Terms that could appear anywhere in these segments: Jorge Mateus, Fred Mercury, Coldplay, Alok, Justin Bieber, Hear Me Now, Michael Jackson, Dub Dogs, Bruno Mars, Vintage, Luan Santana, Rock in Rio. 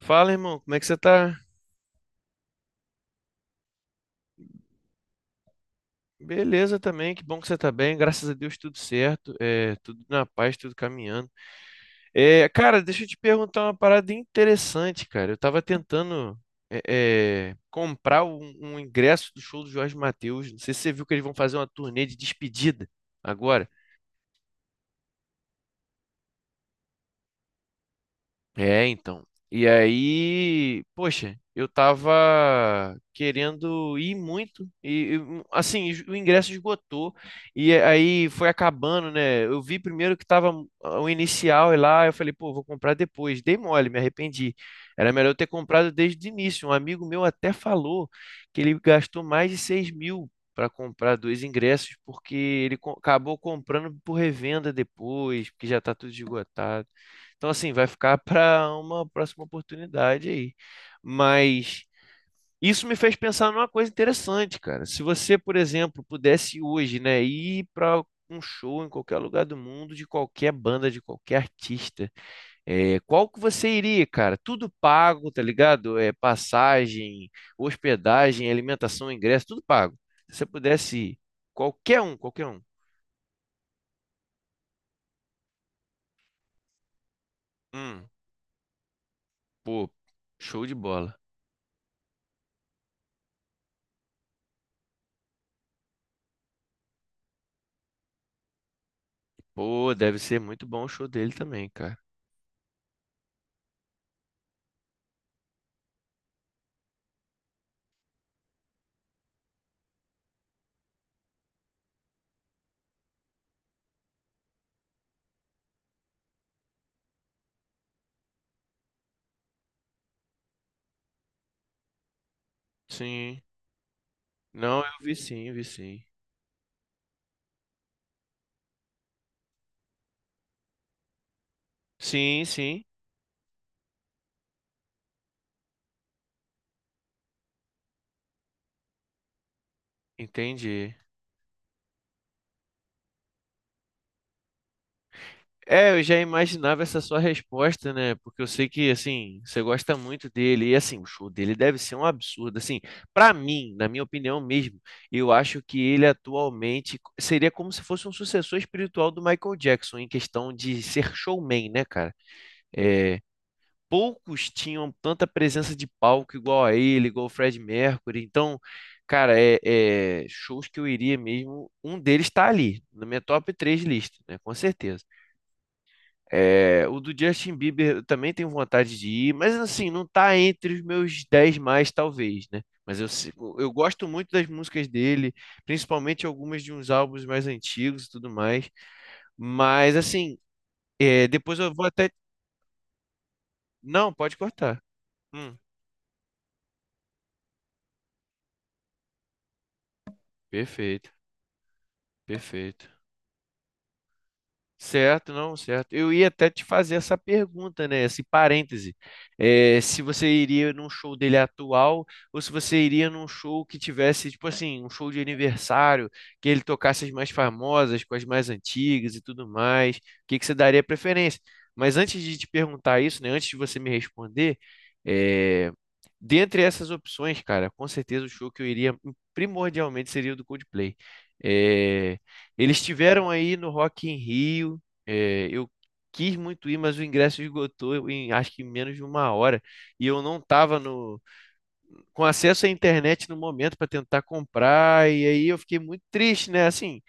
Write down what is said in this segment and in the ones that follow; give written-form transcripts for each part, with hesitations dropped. Fala, irmão, como é que você tá? Beleza também, que bom que você tá bem, graças a Deus tudo certo, é, tudo na paz, tudo caminhando. É, cara, deixa eu te perguntar uma parada interessante, cara. Eu tava tentando é, comprar um ingresso do show do Jorge Mateus. Não sei se você viu que eles vão fazer uma turnê de despedida agora. É, então. E aí, poxa, eu tava querendo ir muito e assim, o ingresso esgotou e aí foi acabando, né? Eu vi primeiro que tava ah, o inicial e lá, eu falei, pô, vou comprar depois. Dei mole, me arrependi. Era melhor eu ter comprado desde o início. Um amigo meu até falou que ele gastou mais de 6 mil para comprar dois ingressos porque ele acabou comprando por revenda depois, porque já tá tudo esgotado. Então, assim, vai ficar para uma próxima oportunidade aí. Mas isso me fez pensar numa coisa interessante, cara. Se você, por exemplo, pudesse hoje, né, ir para um show em qualquer lugar do mundo, de qualquer banda, de qualquer artista, qual que você iria, cara? Tudo pago, tá ligado? É, passagem, hospedagem, alimentação, ingresso, tudo pago. Se você pudesse ir, qualquer um, qualquer um. Hum, pô, show de bola. Pô, deve ser muito bom o show dele também, cara. Sim. Não, eu vi sim, vi sim. Sim, sim, entendi. É, eu já imaginava essa sua resposta, né? Porque eu sei que, assim, você gosta muito dele. E, assim, o show dele deve ser um absurdo. Assim, pra mim, na minha opinião mesmo, eu acho que ele atualmente seria como se fosse um sucessor espiritual do Michael Jackson, em questão de ser showman, né, cara? É, poucos tinham tanta presença de palco igual a ele, igual o Fred Mercury. Então, cara, shows que eu iria mesmo. Um deles está ali, na minha top 3 lista, né? Com certeza. É, o do Justin Bieber eu também tenho vontade de ir, mas assim, não tá entre os meus 10 mais, talvez, né? Mas eu, eu gosto muito das músicas dele, principalmente algumas de uns álbuns mais antigos e tudo mais. Mas assim, é, depois eu vou até. Não, pode cortar. Hum, perfeito, perfeito. Certo, não, certo. Eu ia até te fazer essa pergunta, né? Esse parêntese. É, se você iria num show dele atual ou se você iria num show que tivesse, tipo assim, um show de aniversário, que ele tocasse as mais famosas, com as mais antigas e tudo mais. O que que você daria preferência? Mas antes de te perguntar isso, né? Antes de você me responder, é, dentre essas opções, cara, com certeza o show que eu iria primordialmente seria o do Coldplay. É, eles tiveram aí no Rock in Rio. É, eu quis muito ir, mas o ingresso esgotou em acho que em menos de uma hora. E eu não estava no, com acesso à internet no momento para tentar comprar. E aí eu fiquei muito triste, né? Assim,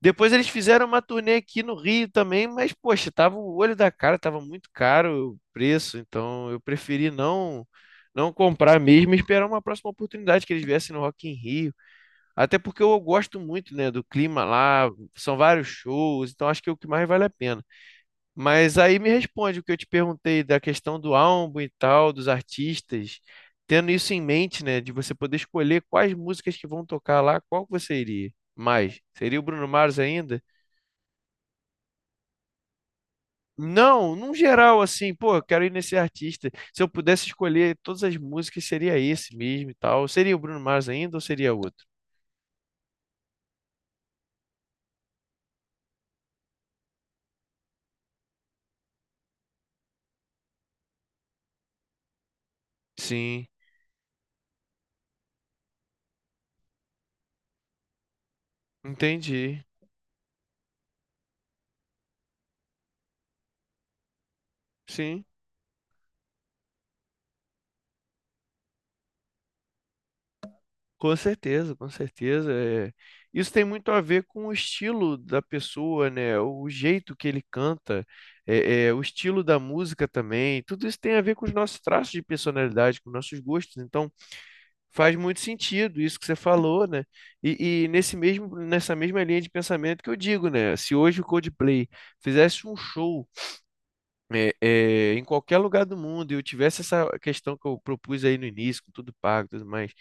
depois eles fizeram uma turnê aqui no Rio também, mas poxa, tava o olho da cara, tava muito caro o preço. Então eu preferi não comprar mesmo e esperar uma próxima oportunidade que eles viessem no Rock in Rio até porque eu gosto muito, né, do clima lá, são vários shows, então acho que é o que mais vale a pena. Mas aí me responde o que eu te perguntei da questão do álbum e tal, dos artistas, tendo isso em mente, né, de você poder escolher quais músicas que vão tocar lá, qual que você iria mais? Seria o Bruno Mars ainda? Não, num geral, assim, pô, eu quero ir nesse artista. Se eu pudesse escolher todas as músicas, seria esse mesmo e tal. Seria o Bruno Mars ainda ou seria outro? Sim, entendi. Sim. Com certeza, com certeza. É. Isso tem muito a ver com o estilo da pessoa, né? O jeito que ele canta, o estilo da música também. Tudo isso tem a ver com os nossos traços de personalidade, com nossos gostos. Então, faz muito sentido isso que você falou, né? E nesse nessa mesma linha de pensamento que eu digo, né? Se hoje o Coldplay fizesse um show em qualquer lugar do mundo, eu tivesse essa questão que eu propus aí no início, com tudo pago e tudo mais,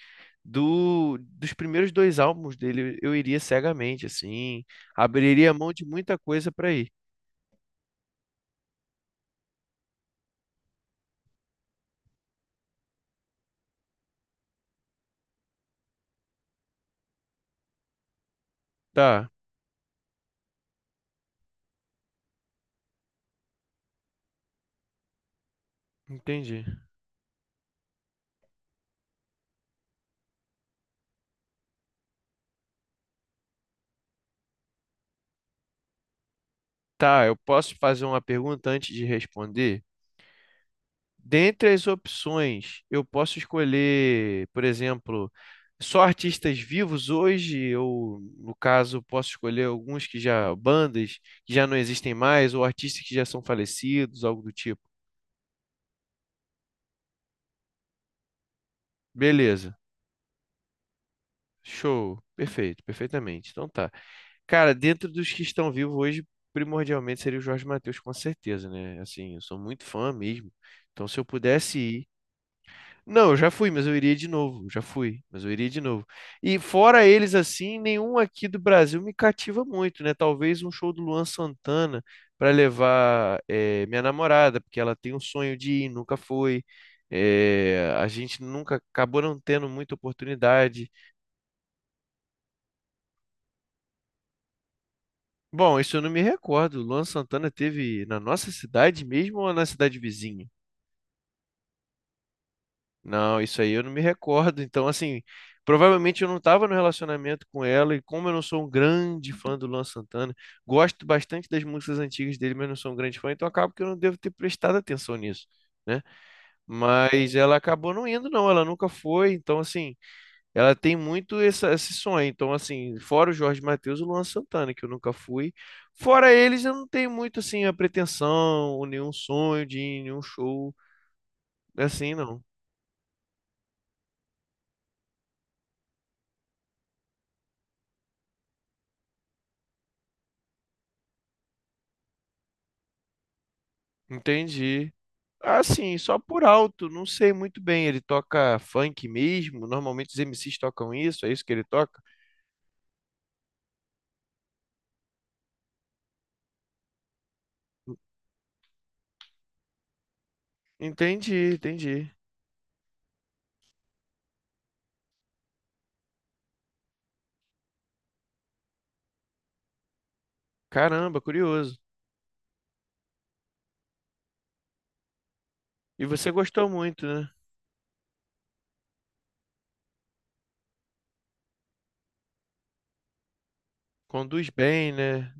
dos primeiros dois álbuns dele, eu iria cegamente, assim, abriria mão de muita coisa para ir. Tá, entendi. Tá, eu posso fazer uma pergunta antes de responder? Dentre as opções, eu posso escolher, por exemplo, só artistas vivos hoje, ou no caso, posso escolher alguns que já, bandas que já não existem mais, ou artistas que já são falecidos, algo do tipo. Beleza, show, perfeito, perfeitamente. Então tá. Cara, dentro dos que estão vivos hoje, primordialmente seria o Jorge Mateus, com certeza, né? Assim, eu sou muito fã mesmo. Então, se eu pudesse Não, eu já fui, mas eu iria de novo. Já fui, mas eu iria de novo. E fora eles assim, nenhum aqui do Brasil me cativa muito, né? Talvez um show do Luan Santana para levar eh, minha namorada, porque ela tem um sonho de ir, nunca foi. Eh, a gente nunca acabou não tendo muita oportunidade. Bom, isso eu não me recordo. Luan Santana teve na nossa cidade mesmo ou na cidade vizinha? Não, isso aí eu não me recordo. Então, assim, provavelmente eu não estava no relacionamento com ela, e como eu não sou um grande fã do Luan Santana, gosto bastante das músicas antigas dele, mas não sou um grande fã, então acabo que eu não devo ter prestado atenção nisso, né? Mas ela acabou não indo, não, ela nunca foi. Então, assim, ela tem muito esse sonho. Então, assim, fora o Jorge Mateus, o Luan Santana, que eu nunca fui. Fora eles, eu não tenho muito, assim, a pretensão, ou nenhum sonho de ir em nenhum show, assim, não. Entendi. Assim, só por alto, não sei muito bem. Ele toca funk mesmo? Normalmente os MCs tocam isso, é isso que ele toca? Entendi, entendi. Caramba, curioso. E você gostou muito, né? Conduz bem, né?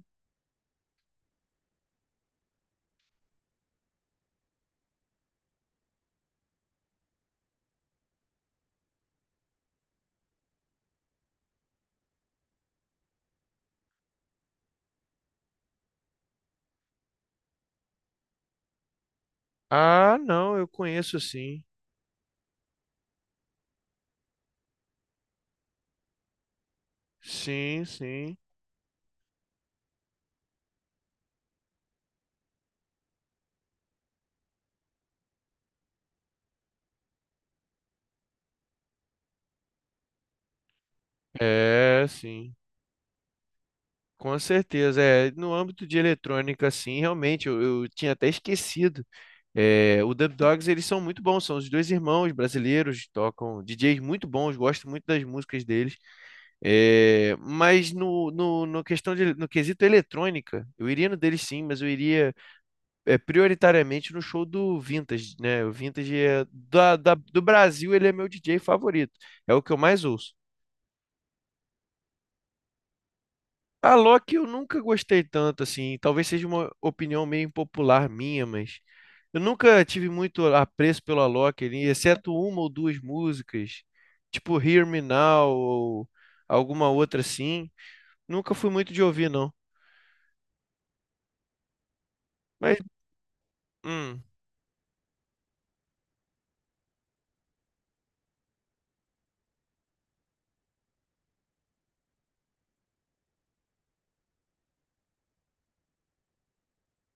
Ah, não, eu conheço sim. Sim, sim. É, sim. Com certeza. É, no âmbito de eletrônica, sim, realmente, eu tinha até esquecido. É, o Dub Dogs, eles são muito bons, são os dois irmãos brasileiros, tocam DJs muito bons, gosto muito das músicas deles. É, mas no questão de, no quesito eletrônica, eu iria no deles sim, mas eu iria é, prioritariamente no show do Vintage, né? O Vintage é do Brasil, ele é meu DJ favorito, é o que eu mais ouço. A Loki eu nunca gostei tanto, assim. Talvez seja uma opinião meio impopular minha, mas eu nunca tive muito apreço pelo Alok, ali, exceto uma ou duas músicas, tipo Hear Me Now ou alguma outra assim. Nunca fui muito de ouvir, não. Mas, hum,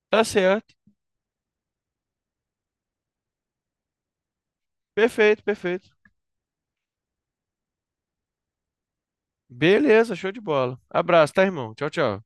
tá certo. Perfeito, perfeito. Beleza, show de bola. Abraço, tá, irmão? Tchau, tchau.